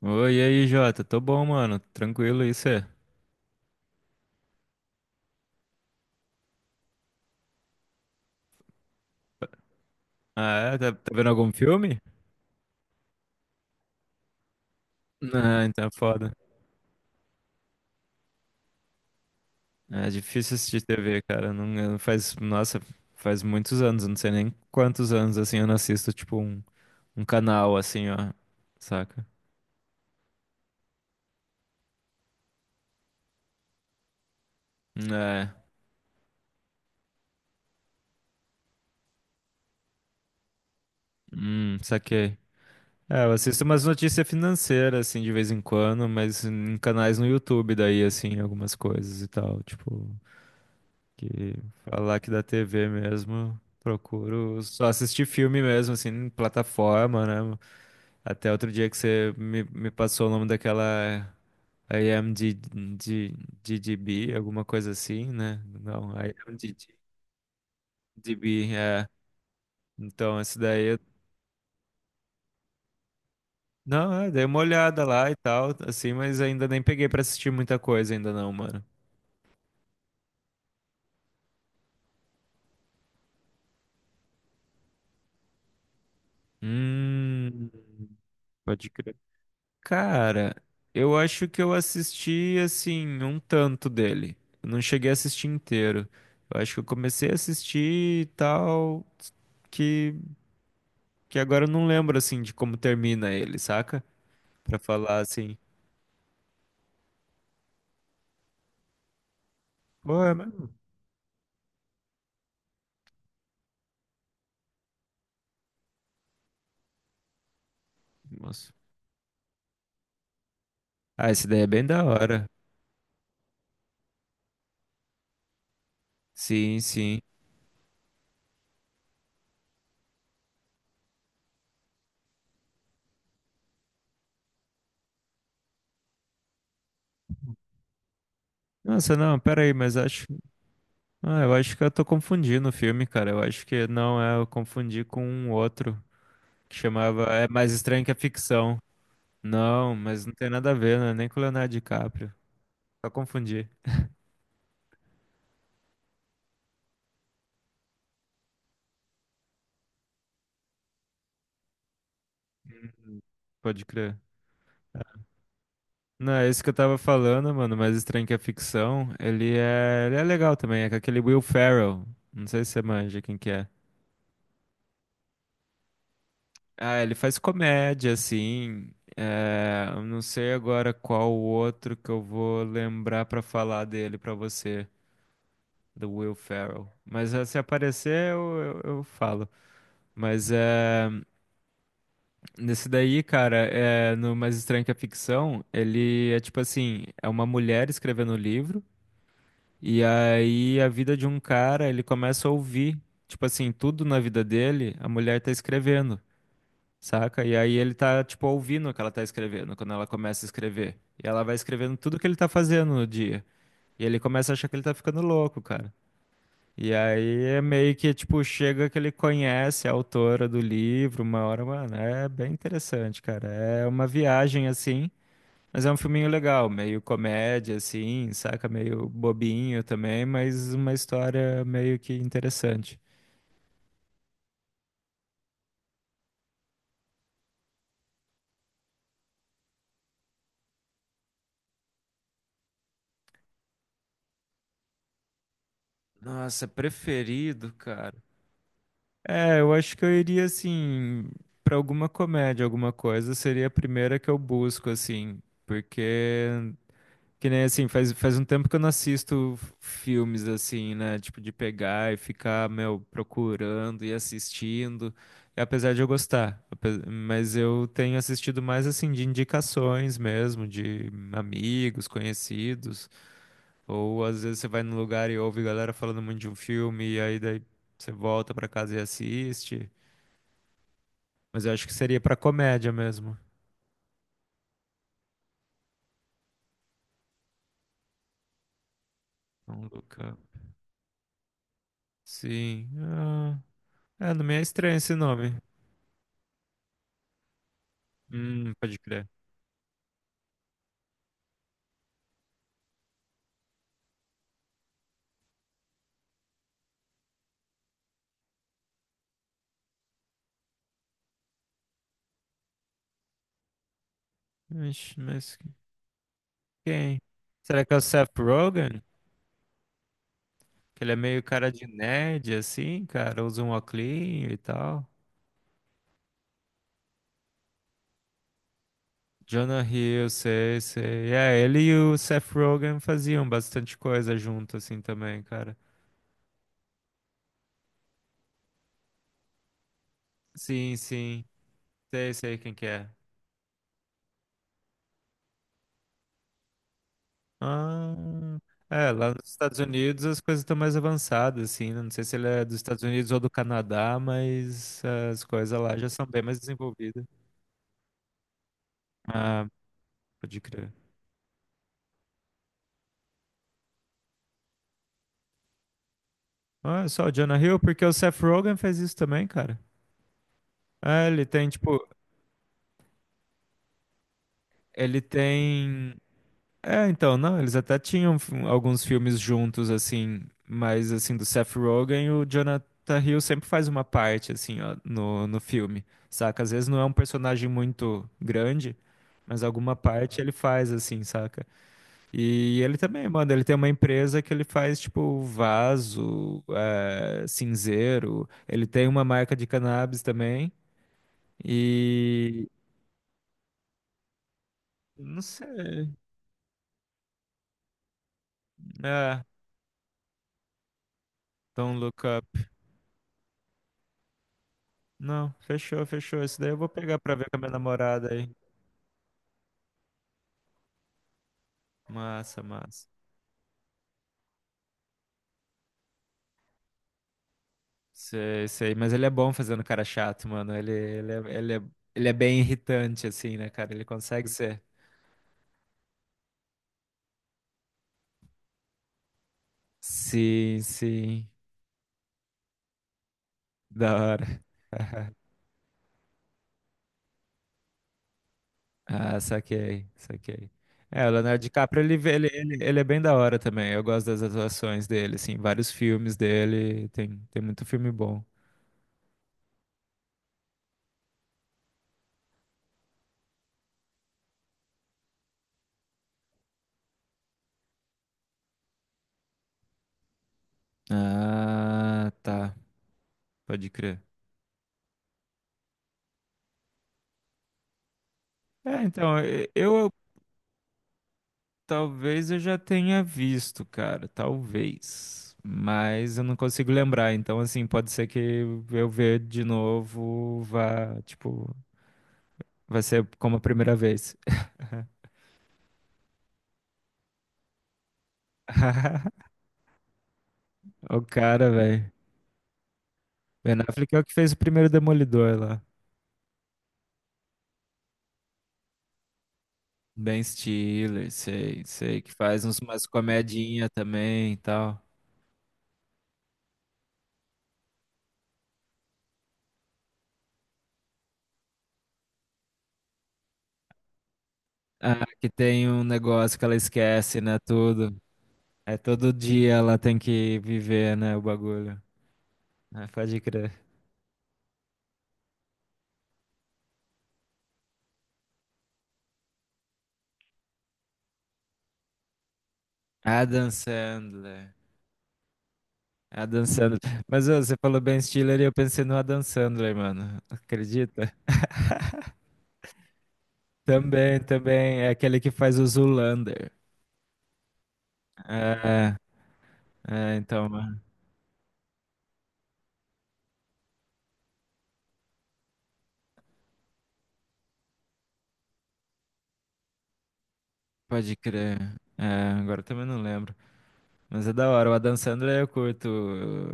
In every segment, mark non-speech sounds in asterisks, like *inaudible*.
Oi, e aí, Jota? Tô bom, mano. Tranquilo, e cê? Ah, é? Tá, tá vendo algum filme? Ah, então é foda. É difícil assistir TV, cara. Não, eu- faz, nossa, faz muitos anos, eu não sei nem quantos anos, assim, eu não assisto, tipo, um canal, assim, ó. Saca? É, saquei. É, eu assisto umas notícias financeiras, assim, de vez em quando, mas em canais no YouTube, daí, assim, algumas coisas e tal, tipo... Que falar que da TV mesmo, procuro só assistir filme mesmo, assim, em plataforma, né? Até outro dia que você me passou o nome daquela IMDb, alguma coisa assim, né? Não, IMDb, é. Então, esse daí, eu- não, é, dei uma olhada lá e tal, assim, mas ainda nem peguei pra assistir muita coisa ainda não, mano. Hum, pode crer. Cara, eu acho que eu assisti assim um tanto dele. Eu não cheguei a assistir inteiro. Eu acho que eu comecei a assistir e tal, que que agora eu não lembro assim de como termina ele, saca? Pra falar assim, pô, é mesmo, moço. Ah, essa ideia é bem da hora. Sim, sim. Nossa, não, pera aí, mas acho, ah, eu acho que eu tô confundindo o filme, cara. Eu acho que não é, eu confundi com um outro que chamava É Mais Estranho que a Ficção. Não, mas não tem nada a ver, né? Nem com o Leonardo DiCaprio. Só confundi, pode crer. Não, é isso que eu tava falando, mano, mas Estranho que é Ficção, ele é legal também, é com aquele Will Ferrell. Não sei se você manja quem que é. Ah, ele faz comédia, assim. É, eu não sei agora qual o outro que eu vou lembrar pra falar dele pra você, do Will Ferrell. Mas se aparecer, eu falo. Mas é. Nesse daí, cara, é, no Mais Estranho que a Ficção, ele é tipo assim, é uma mulher escrevendo o livro, e aí a vida de um cara, ele começa a ouvir, tipo assim, tudo na vida dele, a mulher tá escrevendo, saca? E aí ele tá, tipo, ouvindo o que ela tá escrevendo, quando ela começa a escrever. E ela vai escrevendo tudo que ele tá fazendo no dia. E ele começa a achar que ele tá ficando louco, cara. E aí é meio que, tipo, chega que ele conhece a autora do livro, uma hora, mano, é bem interessante, cara. É uma viagem, assim, mas é um filminho legal, meio comédia, assim, saca? Meio bobinho também, mas uma história meio que interessante. Nossa, preferido, cara. É, eu acho que eu iria, assim, pra alguma comédia, alguma coisa, seria a primeira que eu busco, assim, porque Que nem assim, faz um tempo que eu não assisto filmes assim, né? Tipo, de pegar e ficar, meu, procurando e assistindo. E apesar de eu gostar, ape- mas eu tenho assistido mais assim de indicações mesmo, de amigos, conhecidos. Ou às vezes você vai num lugar e ouve galera falando muito de um filme, e aí daí você volta pra casa e assiste. Mas eu acho que seria pra comédia mesmo. Então, Luca. Sim. Ah, é, não me é estranho esse nome. Pode crer. Ixi, mas quem? Será que é o Seth Rogen? Que ele é meio cara de nerd, assim, cara, usa um óculinho e tal. Jonah Hill, sei, sei. É, ele e o Seth Rogen faziam bastante coisa junto, assim, também, cara. Sim, sim. Sei, sei quem que é. Ah, é, lá nos Estados Unidos as coisas estão mais avançadas, assim, né? Não sei se ele é dos Estados Unidos ou do Canadá, mas as coisas lá já são bem mais desenvolvidas. Ah, pode crer. Ah, só o Jonah Hill, porque o Seth Rogen fez isso também, cara. É, ele tem, tipo, ele tem. É, então, não, eles até tinham f- alguns filmes juntos, assim, mas, assim, do Seth Rogen, o Jonathan Hill sempre faz uma parte, assim, ó, no filme, saca? Às vezes não é um personagem muito grande, mas alguma parte ele faz, assim, saca? E ele também, mano, ele tem uma empresa que ele faz, tipo, vaso, é, cinzeiro, ele tem uma marca de cannabis também. E não sei. É, Don't Look Up. Não, fechou, fechou. Esse daí eu vou pegar pra ver com a minha namorada aí. Massa, massa. Sei, sei, mas ele é bom fazendo cara chato, mano. Ele, é, ele, é, ele é bem irritante, assim, né, cara? Ele consegue ser. Sim, sim. Da hora. Ah, saquei, saquei. É, o Leonardo DiCaprio, ele é bem da hora também. Eu gosto das atuações dele, assim, vários filmes dele. Tem, tem muito filme bom. Ah, tá. Pode crer. É, então, e- eu- talvez eu já tenha visto, cara, talvez. Mas eu não consigo lembrar, então assim, pode ser que eu ver de novo vá, tipo, vai ser como a primeira vez. *laughs* O cara, velho. Ben Affleck é o que fez o primeiro Demolidor lá. Ben Stiller, sei, sei, que faz uns, umas comedinha também e tal. Ah, que tem um negócio que ela esquece, né, tudo. É todo dia ela tem que viver, né, o bagulho. Ah, pode crer. Adam Sandler. Adam Sandler. Mas ô, você falou Ben Stiller e eu pensei no Adam Sandler, mano. Acredita? Também, também. É aquele que faz o Zoolander. É, é, então, mano. Pode crer. É, agora eu também não lembro. Mas é da hora. O Adam Sandler eu curto.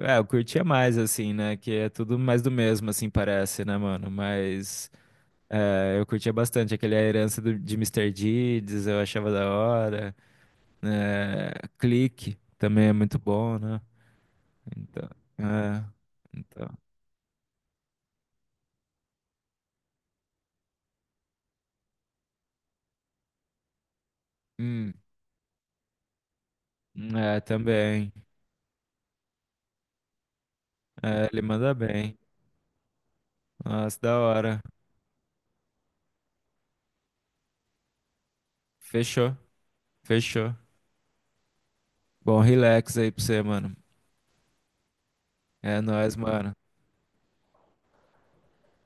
É, eu curtia mais, assim, né? Que é tudo mais do mesmo, assim, parece, né, mano? Mas. É, eu curtia bastante aquele A Herança do- de Mister Deeds, eu achava da hora. É, Clique também é muito bom, né? Então, é, então. Hum, é, também. É, ele manda bem. Nossa, da hora. Fechou, fechou. Bom, relax aí pra você, mano. É nóis, mano.